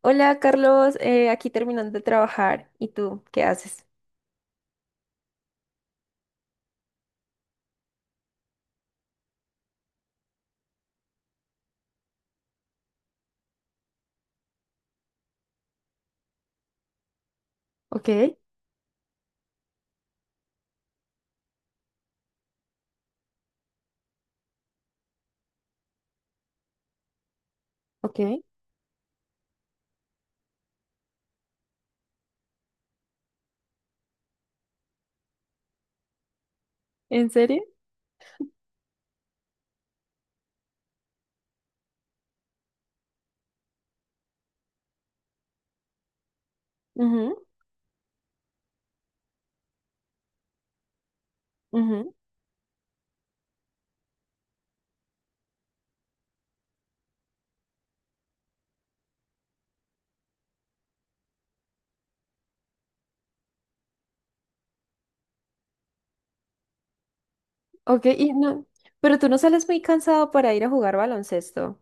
Hola Carlos, aquí terminando de trabajar. ¿Y tú qué haces? Ok, ok. ¿En serio? Ujú, ujú. Ok, y no, pero tú no sales muy cansado para ir a jugar baloncesto.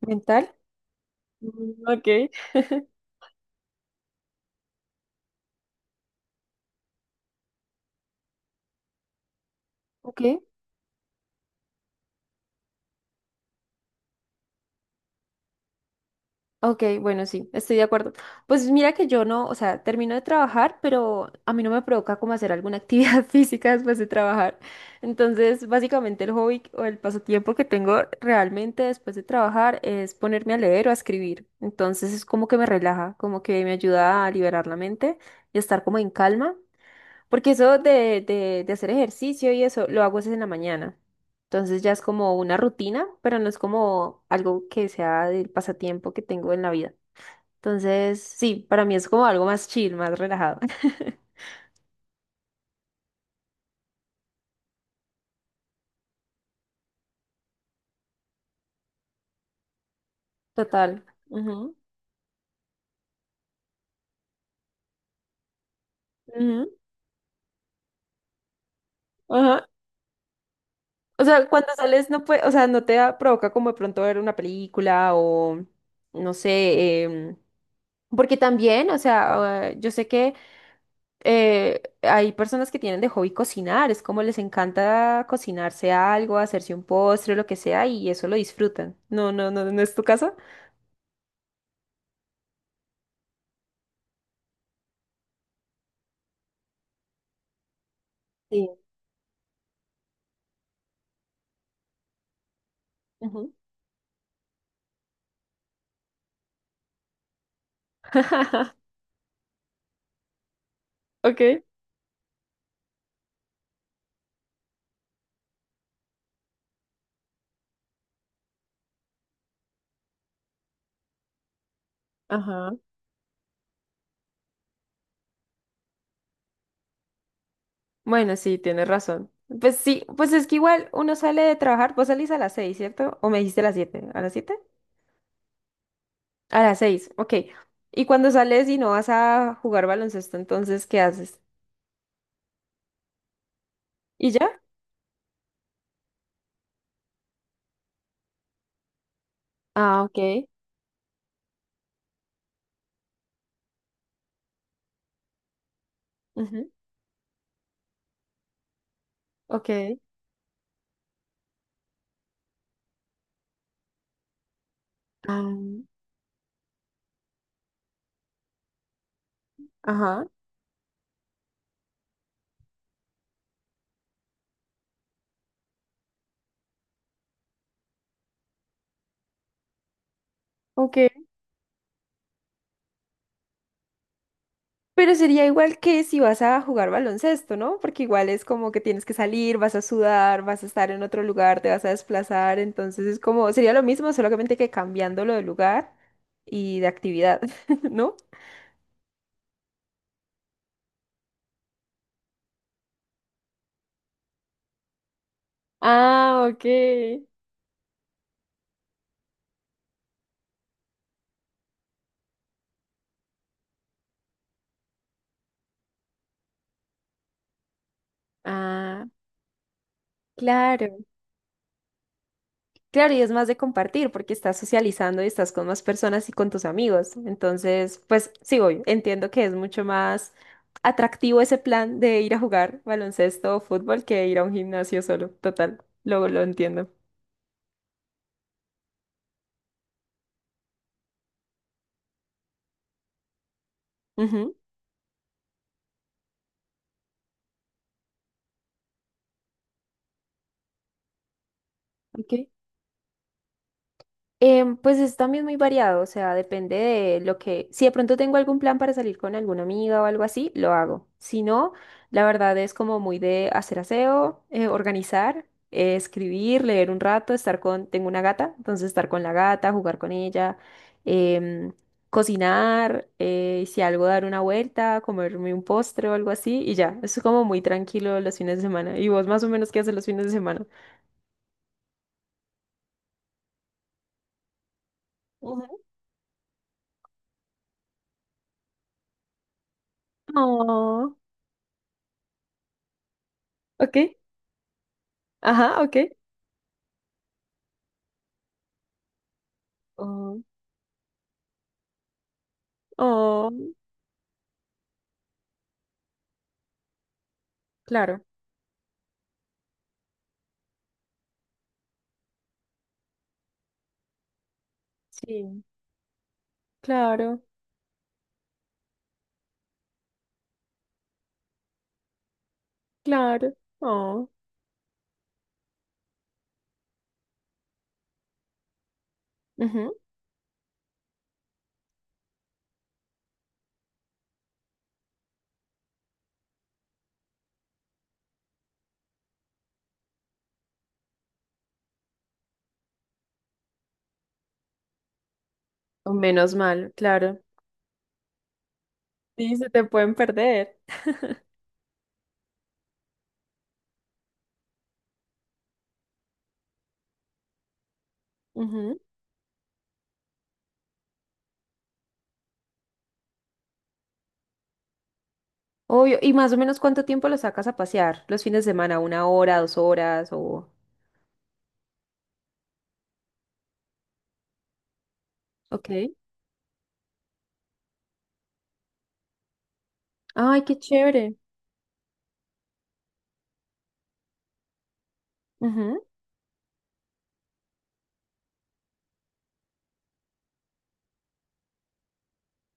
¿Mental? Mm, ok. Ok. Ok, bueno, sí, estoy de acuerdo. Pues mira que yo no, o sea, termino de trabajar, pero a mí no me provoca como hacer alguna actividad física después de trabajar. Entonces, básicamente el hobby o el pasatiempo que tengo realmente después de trabajar es ponerme a leer o a escribir. Entonces es como que me relaja, como que me ayuda a liberar la mente y a estar como en calma. Porque eso de hacer ejercicio y eso lo hago es en la mañana. Entonces ya es como una rutina, pero no es como algo que sea del pasatiempo que tengo en la vida. Entonces, sí, para mí es como algo más chill, más relajado. Total. Ujú, ujú, ajá. O sea, cuando sales no puede, o sea, no te provoca como de pronto ver una película o no sé, porque también, o sea, yo sé que hay personas que tienen de hobby cocinar, es como les encanta cocinarse algo, hacerse un postre, lo que sea, y eso lo disfrutan. No, no, no, ¿no es tu caso? Sí. Ujú. Ok. Ajá. Bueno, sí, tienes razón. Pues sí, pues es que igual uno sale de trabajar, vos salís a las 6, ¿cierto? ¿O me dijiste a las 7? ¿A las siete? A las seis, ok. Y cuando sales y no vas a jugar baloncesto, entonces, ¿qué haces? ¿Y ya? Ah, ok. Ujú, ok. Ah, ajá. Ok. Pero sería igual que si vas a jugar baloncesto, ¿no? Porque igual es como que tienes que salir, vas a sudar, vas a estar en otro lugar, te vas a desplazar, entonces es como, sería lo mismo, solamente que cambiándolo de lugar y de actividad, ¿no? Ah, ok. Ah, claro. Claro, y es más de compartir porque estás socializando y estás con más personas y con tus amigos. Entonces, pues sí, obvio, entiendo que es mucho más atractivo ese plan de ir a jugar baloncesto o fútbol que ir a un gimnasio solo. Total, luego lo entiendo. Ujú, ok. Pues es también muy variado, o sea, depende de lo que... Si de pronto tengo algún plan para salir con alguna amiga o algo así, lo hago. Si no, la verdad es como muy de hacer aseo, organizar, escribir, leer un rato, estar con... Tengo una gata, entonces estar con la gata, jugar con ella, em, cocinar, si algo dar una vuelta, comerme un postre o algo así, y ya, es como muy tranquilo los fines de semana. ¿Y vos más o menos qué haces los fines de semana? Ujú. Oh, ok. Ajá, ok. Oh, oh, claro, sí, claro, claro. Oh, ujú. O menos mal, claro. Sí, se te pueden perder. Ujú. Obvio. ¿Y más o menos cuánto tiempo lo sacas a pasear? ¿Los fines de semana? ¿Una hora, dos horas? O... Ok. Ay, qué chévere. Ujú.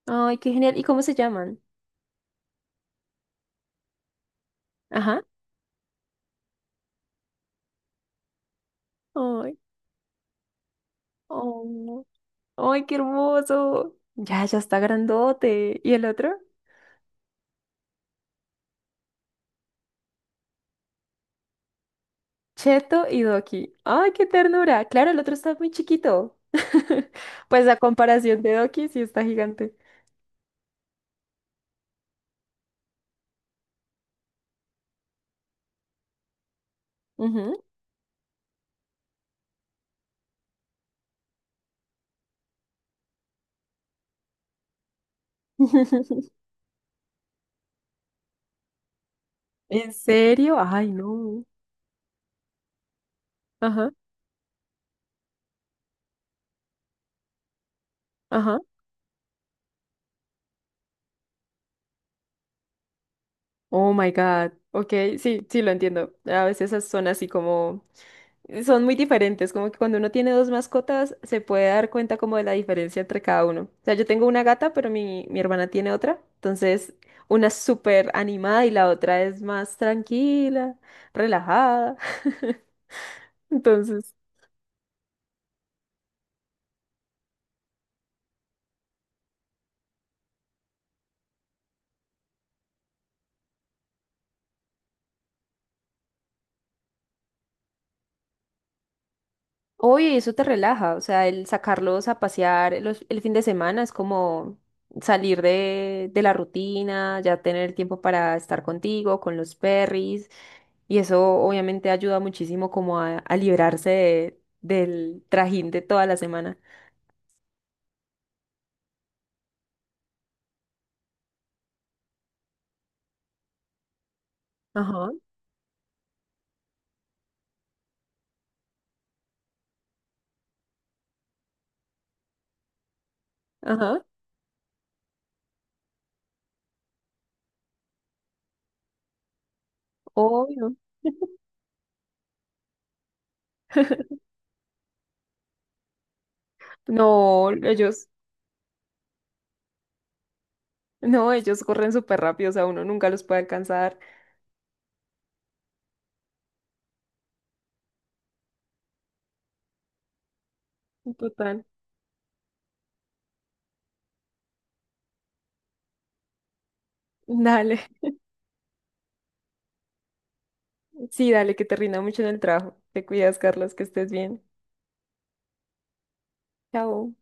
Ay, qué genial. ¿Y cómo se llaman? Ajá. Ay. Oh. Ay, qué hermoso. Ya, ya está grandote. ¿Y el otro? Cheto y Doki. ¡Ay, qué ternura! Claro, el otro está muy chiquito. Pues a comparación de Doki, sí está gigante. Ujú. ¿En serio? Ay, no. Ajá, ajá. Oh my God. Ok, sí, sí lo entiendo. A veces esas son así como. Son muy diferentes, como que cuando uno tiene dos mascotas se puede dar cuenta como de la diferencia entre cada uno. O sea, yo tengo una gata, pero mi hermana tiene otra, entonces una es súper animada y la otra es más tranquila, relajada. Entonces, oye, eso te relaja, o sea, el sacarlos a pasear el fin de semana es como salir de la rutina, ya tener tiempo para estar contigo, con los perris, y eso obviamente ayuda muchísimo como a librarse del trajín de toda la semana. Ajá, ajá, obvio. No, ellos, no, ellos corren súper rápido, o sea, uno nunca los puede alcanzar. Total. Dale, sí, dale, que te rinda mucho en el trabajo. Te cuidas, Carlos, que estés bien. Chao.